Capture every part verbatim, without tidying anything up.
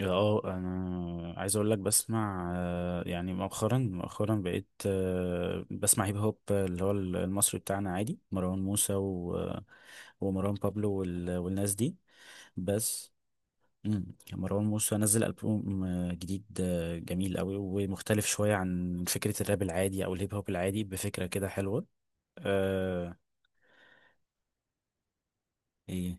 اه، انا عايز اقول لك بسمع، آه، يعني مؤخرا مؤخرا بقيت، آه، بسمع هيب هوب اللي هو المصري بتاعنا عادي مروان موسى و- ومروان بابلو وال- والناس دي بس. مم، مروان موسى نزل ألبوم آه، جديد، آه، جميل قوي ومختلف شوية عن فكرة الراب العادي او الهيب هوب العادي بفكرة كده حلوة. أه. ايه.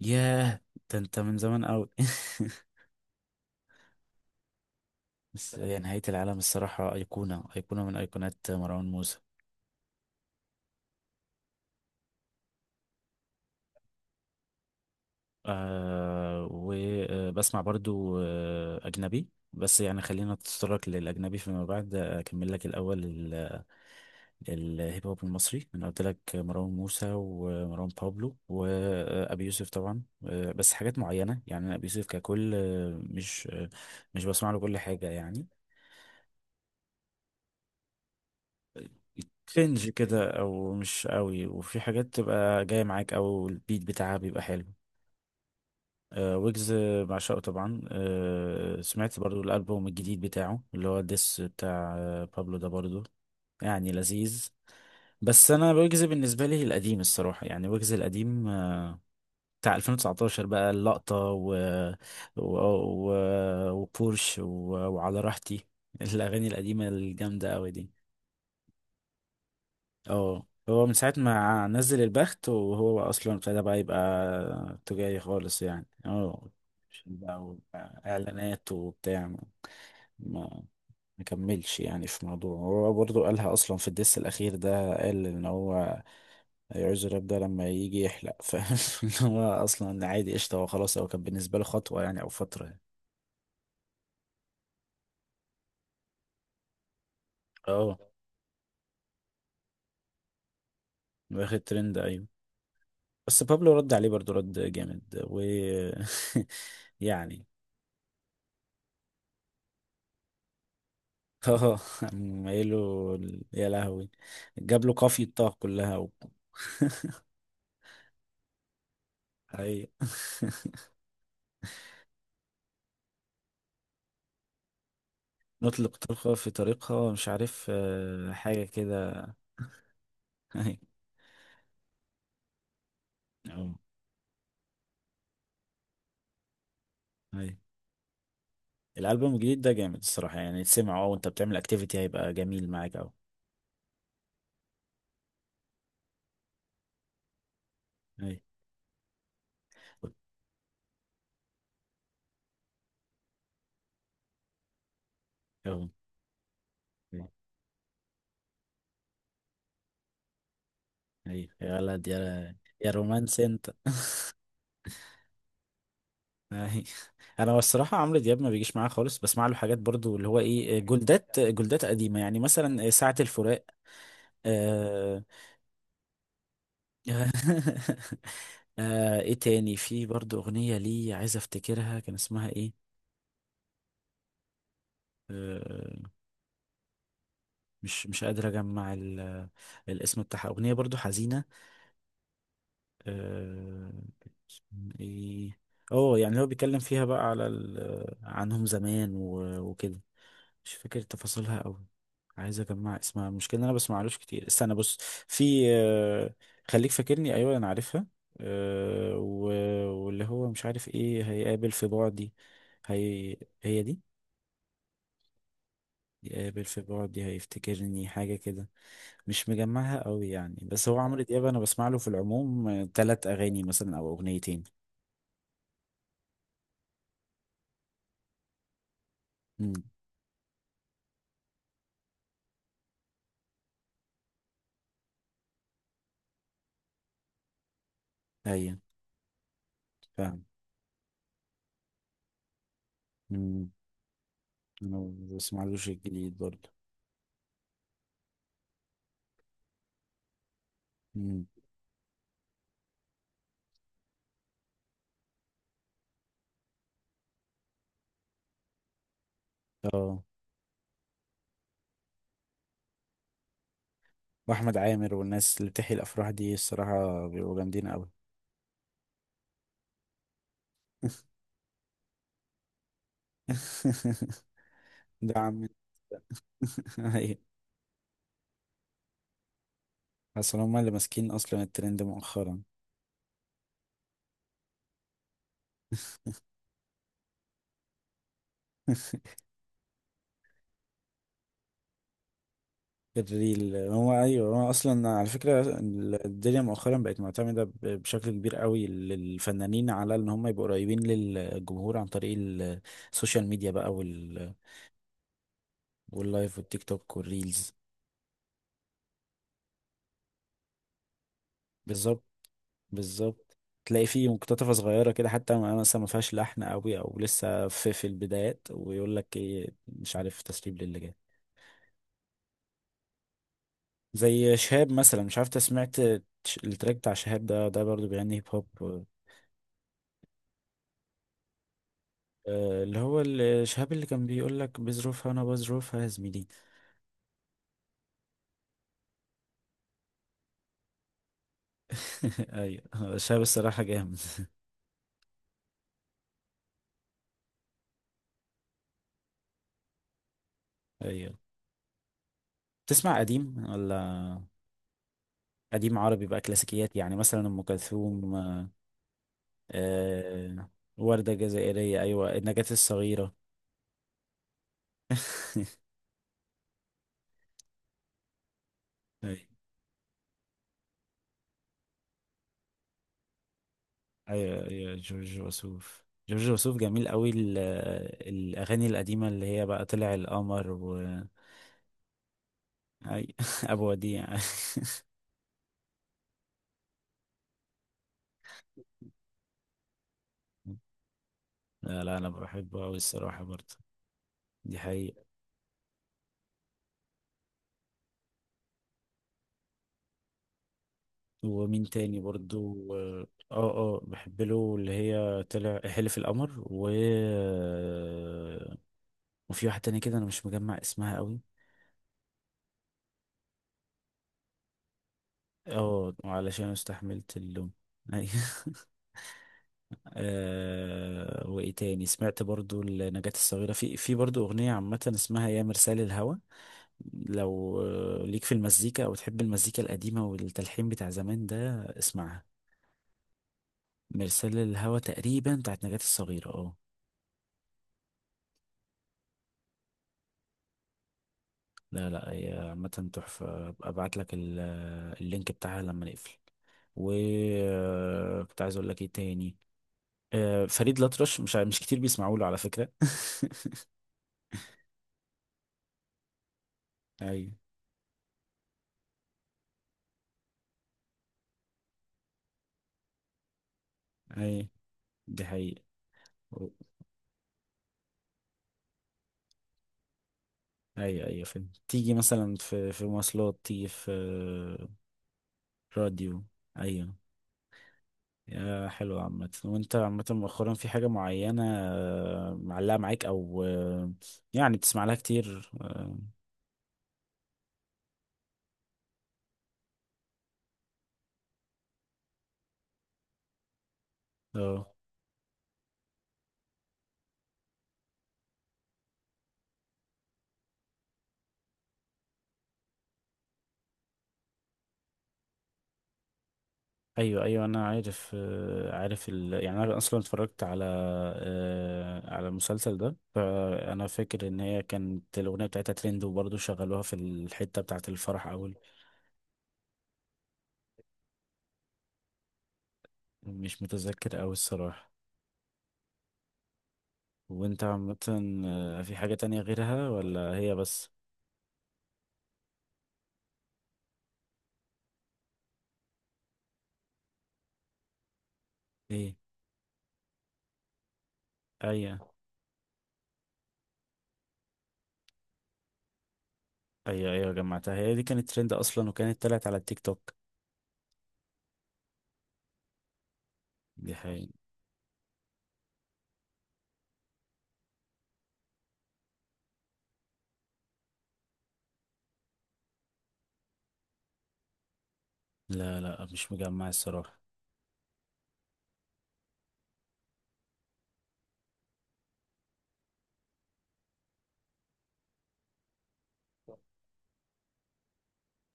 ياه، ده انت من زمان قوي. بس هي نهاية العالم الصراحة أيقونة أيقونة من أيقونات مروان موسى. آه، وبسمع برضو آه أجنبي، بس يعني خلينا نتطرق للأجنبي فيما بعد، أكمل لك الأول ال- الهيب هوب المصري. أنا قلت لك مروان موسى ومروان بابلو وأبي يوسف طبعا، آه بس حاجات معينة يعني، أنا أبي يوسف ككل آه، مش آه، مش بسمع له كل حاجة يعني، كرنج كده أو مش قوي، وفي حاجات تبقى جاية معاك أو البيت بتاعها بيبقى حلو. آه، ويجز بعشقه طبعا، آه، سمعت برضو الألبوم الجديد بتاعه اللي هو ديس بتاع آه، بابلو ده برضو يعني لذيذ. بس أنا ويجز بالنسبة لي القديم الصراحة يعني، ويجز القديم آه، بتاع ألفين وتسعتاشر بقى اللقطة و... و... و... وبورش و... وعلى راحتي. الأغاني القديمة الجامدة أوي دي. اه، هو من ساعة ما نزل البخت وهو اصلا ابتدى بقى يبقى تجاري خالص يعني، اه. عشان بقى بقى اعلانات وبتاع، ما ما ما كملش يعني، في موضوع هو برضو قالها اصلا في الدس الاخير ده، قال ان هو هيعوز الراب ده لما يجي يحلق. فاهم؟ ان هو اصلا عادي قشطة، هو خلاص هو كان بالنسبة له خطوة يعني او فترة يعني. اه، واخد ترند، ايوه. بس بابلو رد عليه برضو رد جامد و يعني. اه، مايله، ال- يا لهوي. جاب له قافية طه كلها و... أيوة. نطلق طلقة في طريقها، مش عارف آه، حاجة كده. أيوة. أه. أيوة. الألبوم الجديد ده جامد الصراحة يعني، تسمعه اه وانت بتعمل اكتيفيتي هيبقى جميل معاك أوي. أيوة. أهو. أيوة يا ولد، يا يا رومانس انت. أيوة. انا الصراحه عمرو دياب ما بيجيش معايا خالص، بسمع له حاجات برضو اللي هو ايه، جولدات جولدات قديمه، يعني مثلا ساعه الفراق آه، آه ايه تاني، في برضو اغنية لي عايز افتكرها كان اسمها ايه. آه مش مش قادر اجمع ال- الاسم بتاعها، اغنية برضو حزينة. آه اسمها ايه؟ اه، يعني هو بيتكلم فيها بقى على ال- عنهم زمان و- وكده، مش فاكر تفاصيلها قوي. عايز اجمع اسمها، المشكله ان انا بسمعلوش كتير، استنى، بص، في آه، خليك فاكرني، ايوه انا عارفها. آه، و- واللي هو مش عارف ايه هيقابل في بعدي. هي هي دي. يقابل في بعدي هيفتكرني حاجه كده، مش مجمعها قوي يعني، بس هو عمرو دياب انا بسمع له في العموم ثلاث اغاني مثلا او اغنيتين. امم. ايوه. فاهم. امم. انا ما بسمعلوش الجديد برضه. امم. اه. واحمد عامر والناس اللي بتحيي الافراح دي، الصراحه بيبقوا جامدين قوي. ده عم. ايوه. اصل هما اللي ماسكين اصلا الترند مؤخرا. الريل هو، ايوه، هو اصلا على فكره الدنيا مؤخرا بقت معتمده ب- بشكل كبير قوي للفنانين، على ان هم يبقوا قريبين للجمهور عن طريق ال- السوشيال ميديا بقى وال... واللايف والتيك توك والريلز. بالظبط. بالظبط. تلاقي فيه مقتطفة صغيرة كده حتى، ما- مثلا ما فيهاش لحن قوي او لسه في في البدايات، ويقول لك ايه، مش عارف، تسريب للي زي شهاب مثلا. مش عارف انت سمعت ش- التراك بتاع شهاب، ده ده برضه بيغني هيب هوب. آه، اللي هو ال- شهاب اللي كان بيقول لك بظروفها، انا بظروفها يا زميلي. ايوه، هو شهاب الصراحة جامد. ايوه. بتسمع قديم ولا؟ قديم عربي بقى، كلاسيكيات يعني مثلا ام كلثوم، آه، وردة جزائرية، ايوه، النجاة الصغيرة. ايوه، ايوه، ايوه، جورج وسوف جورج وسوف جميل قوي، ال- الاغاني القديمه اللي هي بقى طلع القمر و أي... ابو وديع. لا، لا، انا بحبه قوي الصراحه برضه، دي حقيقه. ومين تاني برضه؟ اه، اه، بحب له اللي هي طلع حلف القمر، و وفي واحده تانية كده انا مش مجمع اسمها قوي. اه، وعلشان استحملت اللوم. أيوة. آه وايه تاني سمعت برضو لنجاة الصغيرة، في في برضو اغنية عامة اسمها يا مرسال الهوى، لو آه، ليك في المزيكا او تحب المزيكا القديمة والتلحين بتاع زمان ده اسمعها. مرسال الهوى تقريبا بتاعت نجاة الصغيرة، اه. لا، لا، هي عامة تحفة، أبقى ابعت لك ال- اللينك بتاعها لما نقفل. و آه، كنت عايز اقول لك ايه تاني. آه، فريد الأطرش مش ع- مش كتير بيسمعوا له على فكرة. ايوه، ايوه، دي حقيقة. ايوه، ايوه، فيلم تيجي مثلا في في مواصلات، تيجي في راديو. ايوه، يا حلو عامة، وانت عامة مؤخرا في حاجة معينة آه، معلقة معاك او آه، يعني بتسمع لها كتير، اه؟ آه. ايوه، ايوه، انا عارف آه، عارف ال... يعني انا اصلا اتفرجت على آه، على المسلسل ده، فانا فاكر ان هي كانت الاغنية بتاعتها ترند، وبرضه شغلوها في الحتة بتاعت الفرح اول. مش متذكر اوي الصراحة. وانت عامة؟ آه، في حاجة تانية غيرها ولا هي بس؟ ايه. ايوه، ايوه، ايوه، جمعتها، هي دي كانت ترند اصلا وكانت طلعت على التيك توك. دي حقيقة. لا، لا، مش مجمع الصراحة.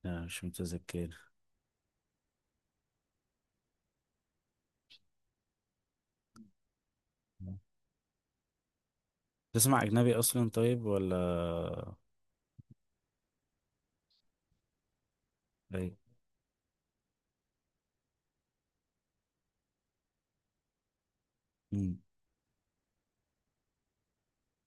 لا، مش متذكر. تسمع اجنبي اصلا طيب ولا؟ ايه.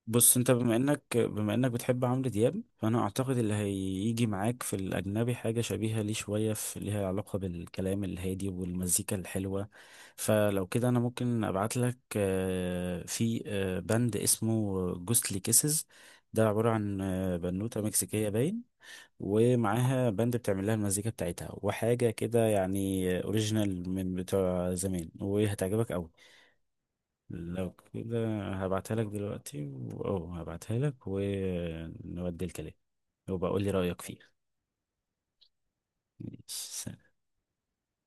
بص انت بما انك بما انك بتحب عمرو دياب، فانا اعتقد اللي هيجي معاك في الاجنبي حاجه شبيهه ليه شويه، في ليها علاقه بالكلام الهادي والمزيكا الحلوه. فلو كده انا ممكن ابعت لك آه، في آه، بند اسمه جوستلي كيسز. ده عباره عن آه، بنوته مكسيكيه باين، ومعاها باند بتعمل لها المزيكا بتاعتها وحاجه كده، يعني اوريجينال من بتوع زمان وهتعجبك قوي. لو كده هبعتها لك دلوقتي و- اه هبعتها لك ونودي الكلام، وبقول لي رأيك فيه. ماشي، سلام.